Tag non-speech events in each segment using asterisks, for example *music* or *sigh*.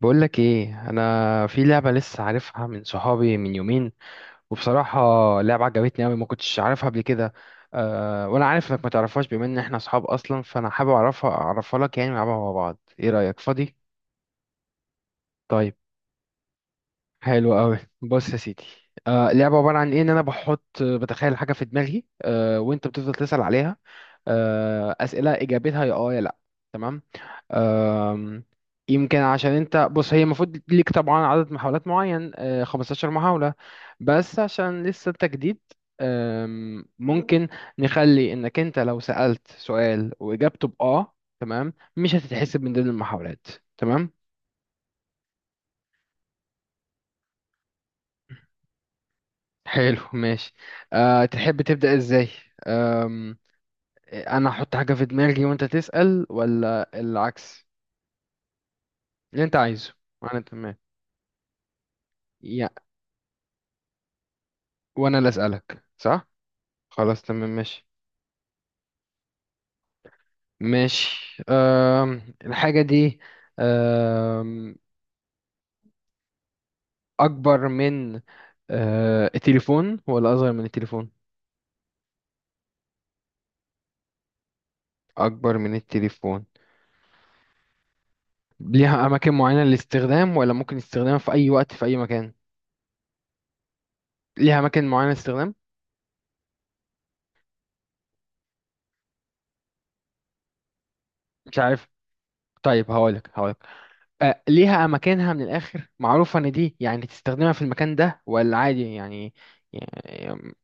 بقولك ايه، انا في لعبة لسه عارفها من صحابي من يومين. وبصراحة لعبة عجبتني اوي، ما كنتش عارفها قبل كده. وانا عارف انك ما تعرفهاش، بما ان احنا صحاب اصلا، فانا حابب اعرفها لك، يعني نلعبها مع بعض. ايه رأيك؟ فاضي؟ طيب. حلو قوي. بص يا سيدي، لعبة عبارة عن ايه، ان انا بتخيل حاجة في دماغي، وانت بتفضل تسأل عليها. أسئلة إجابتها يا آه يا لأ. تمام. آم، يمكن عشان أنت، بص، هي المفروض ليك طبعا عدد محاولات معين، 15 محاولة. بس عشان لسه أنت جديد، ممكن نخلي إنك أنت لو سألت سؤال وإجابته بآه تمام، مش هتتحسب من ضمن المحاولات. تمام. حلو ماشي. تحب تبدأ إزاي؟ أم، أنا أحط حاجة في دماغي وأنت تسأل، ولا العكس؟ اللي أنت عايزه. أنا تمام. وانا اللي اسالك، صح؟ خلاص تمام ماشي. ماشي، الحاجه دي أم... اكبر من التليفون، ولا اصغر من التليفون؟ اكبر من التليفون. ليها اماكن معينه للاستخدام، ولا ممكن استخدامها في اي وقت في اي مكان؟ ليها اماكن معينه للاستخدام. مش عارف. طيب هقولك ليها اماكنها من الاخر، معروفه ان دي يعني تستخدمها في المكان ده ولا عادي، يعني...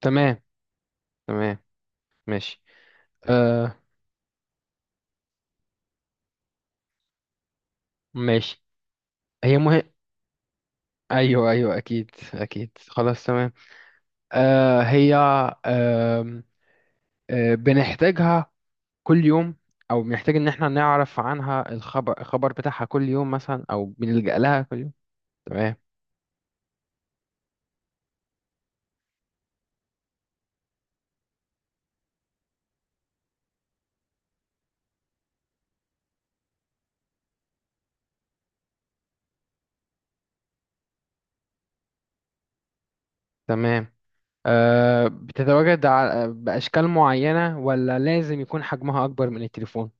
تمام. تمام ماشي. آه، ماشي. هي مه... ايوه ايوه اكيد اكيد خلاص تمام. هي، آه بنحتاجها كل يوم، او بنحتاج ان احنا نعرف عنها الخبر بتاعها كل يوم مثلا، او بنلجأ لها كل يوم. تمام. تمام. بتتواجد باشكال معينة، ولا لازم يكون حجمها اكبر من التليفون؟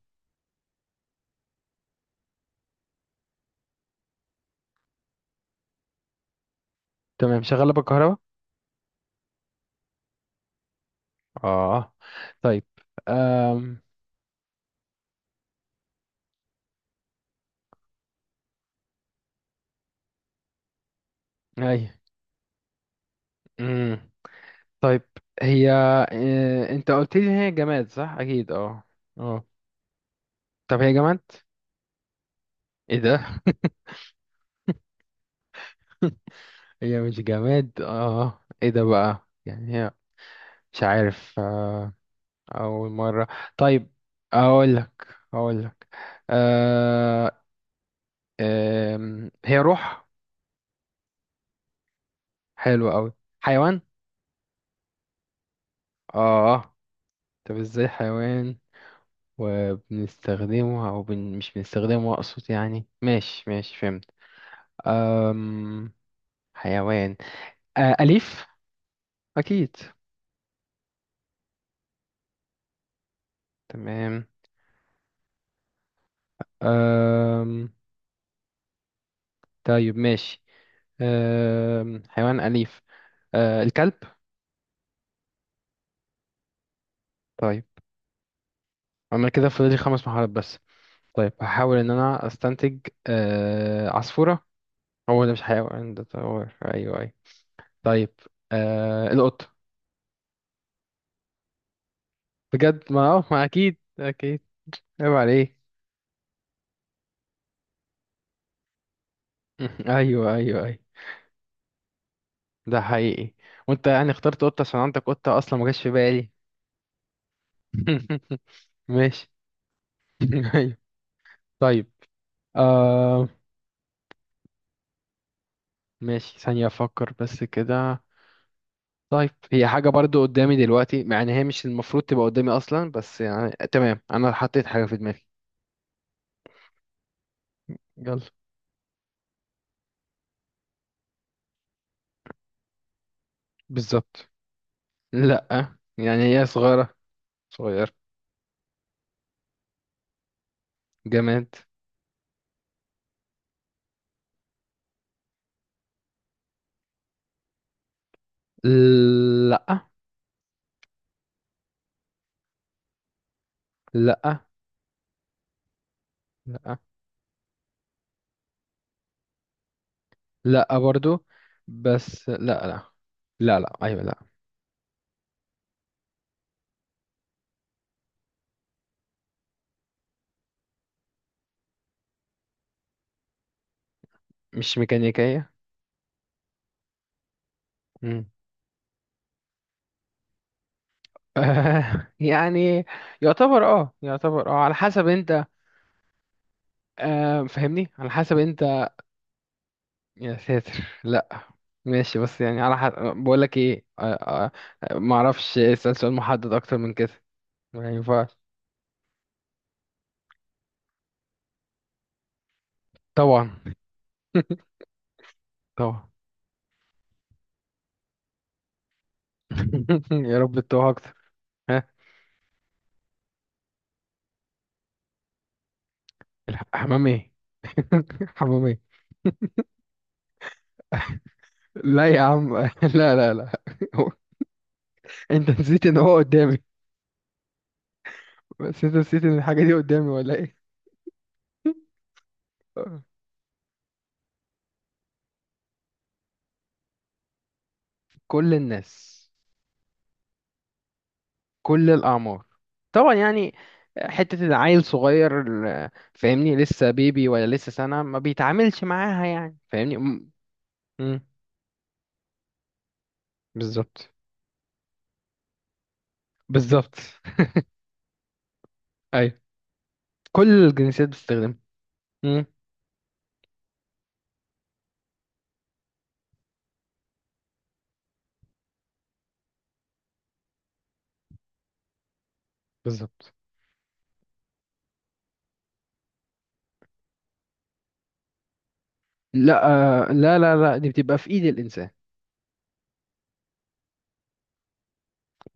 تمام. شغالة بالكهرباء؟ اه. طيب. آم... ايوه. طيب. هي انت قلت لي ان هي جماد، صح؟ اكيد اه. اه. طب هي جماد؟ ايه ده؟ *laughs* هي مش جماد، اه. ايه ده بقى يعني؟ هي مش عارف اول مرة. طيب. اقول لك اقول لك آه... هي روح. حلو قوي. حيوان. اه. طب ازاي حيوان، وبنستخدمه او مش بنستخدمه اقصد، يعني ماشي ماشي فهمت. أم... حيوان أليف. أكيد. تمام. آم... طيب ماشي. حيوان أليف. الكلب. طيب. أنا كده فاضل لي 5 محاولات بس. طيب هحاول إن أنا أستنتج. عصفورة. هو ده مش حيوان، ده طور. أيوه أيوه. طيب. القط. بجد، ما أه ما أكيد أكيد عيب عليه. *laughs* أيوه أيوه أيوه. ده حقيقي. وأنت يعني اخترت قطة عشان عندك قطة أصلا، ما جاش في بالي. *laughs* ماشي. *laughs* أيوه. طيب. آه ماشي ثانية أفكر بس كده. طيب، هي حاجة برضو قدامي دلوقتي، مع إن هي مش المفروض تبقى قدامي أصلا، بس يعني تمام، أنا حطيت حاجة في دماغي. يلا. بالظبط. لأ يعني هي صغيرة. صغير. جماد. لأ. لأ لأ لأ برضو. بس لأ. لأ لأ لأ أيوة لأ. مش ميكانيكية. مم. *laughs* يعني يعتبر اه يعتبر اه على حسب انت. فهمني، على حسب انت. يا ساتر. لا. ماشي، بس يعني على حد بقول لك ايه، ما اعرفش اسال سؤال محدد اكتر من كده. ما ينفعش. طبعا. *laughs* طبعا. *laughs* يا رب تتوه اكتر. ها؟ الحمام ايه؟ *laughs* حمام ايه؟ لا يا عم. *laughs* لا لا لا. *laughs* انت نسيت ان هو قدامي. بس انت نسيت ان الحاجه دي قدامي ولا ايه؟ *laughs* كل الناس. كل الأعمار طبعا يعني. حتة العيل صغير، فاهمني، لسه بيبي ولا لسه سنة، ما بيتعاملش معاها يعني، فاهمني. مم. بالظبط. بالظبط. *laughs* ايوه. كل الجنسيات بتستخدمها. مم. بالظبط. لا، لا لا لا، دي بتبقى في ايد الانسان.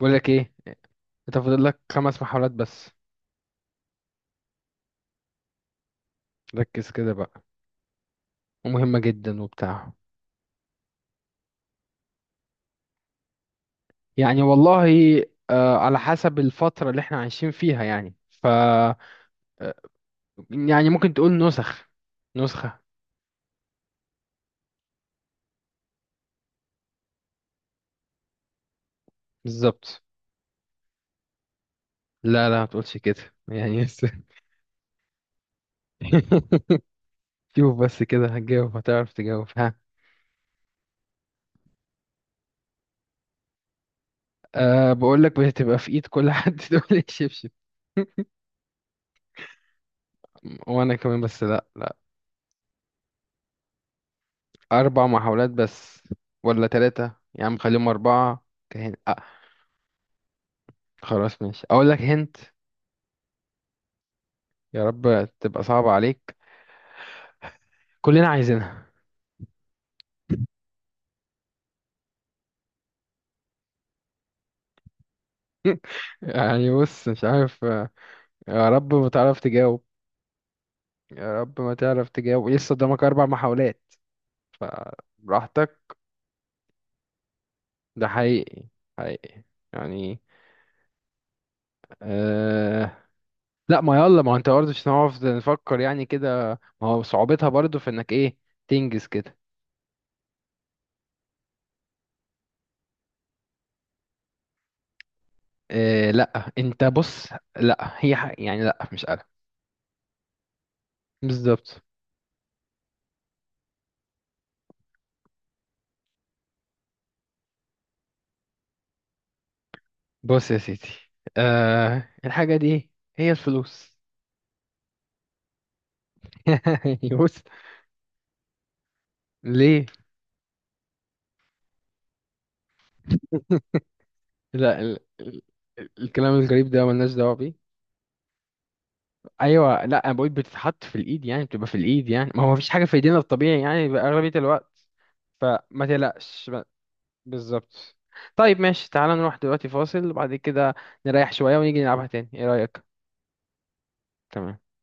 بقول لك ايه، انت فاضل لك 5 محاولات بس. ركز كده بقى. ومهمة جدا وبتاع. يعني والله على حسب الفترة اللي احنا عايشين فيها، يعني ف يعني ممكن تقول نسخة. بالظبط. لا لا، ما تقولش كده يعني بس. *laughs* شوف بس كده، هتجاوب. هتعرف تجاوب. *laughs* بقول لك بتبقى في ايد كل حد، *laughs* تقول الشبشب؟ *laughs* وانا كمان، بس لا لا. اربع محاولات بس. ولا ثلاثة يا عم، خليهم اربعة. كهن أه خلاص ماشي اقول لك هنت. يا رب تبقى صعبة عليك. كلنا عايزينها. *laughs* يعني بص، مش عارف يا رب ما تعرف تجاوب. يا رب ما تعرف تجاوب، لسه قدامك 4 محاولات. فبراحتك. ده حقيقي. حقيقي يعني. أه لا، ما يلا، ما هو انت برضه مش هنعرف نفكر يعني كده. ما هو صعوبتها برضه في انك ايه، تنجز كده. إيه لا، انت بص، لا هي يعني لا مش قلق. بالظبط. بص يا سيدي، الحاجة دي هي الفلوس. *laughs* يعني بص. ليه؟ لا الكلام الغريب ده ملناش دعوة بيه. ايوه. لا، انا بقول بتتحط في الايد، يعني بتبقى في الايد، يعني ما هو مفيش حاجة في ايدينا الطبيعي يعني بقى اغلبية الوقت. فما تقلقش. بالظبط. طيب ماشي. تعالى نروح دلوقتي فاصل، وبعد كده نريح شوية ونيجي نلعبها تاني. ايه رأيك؟ تمام.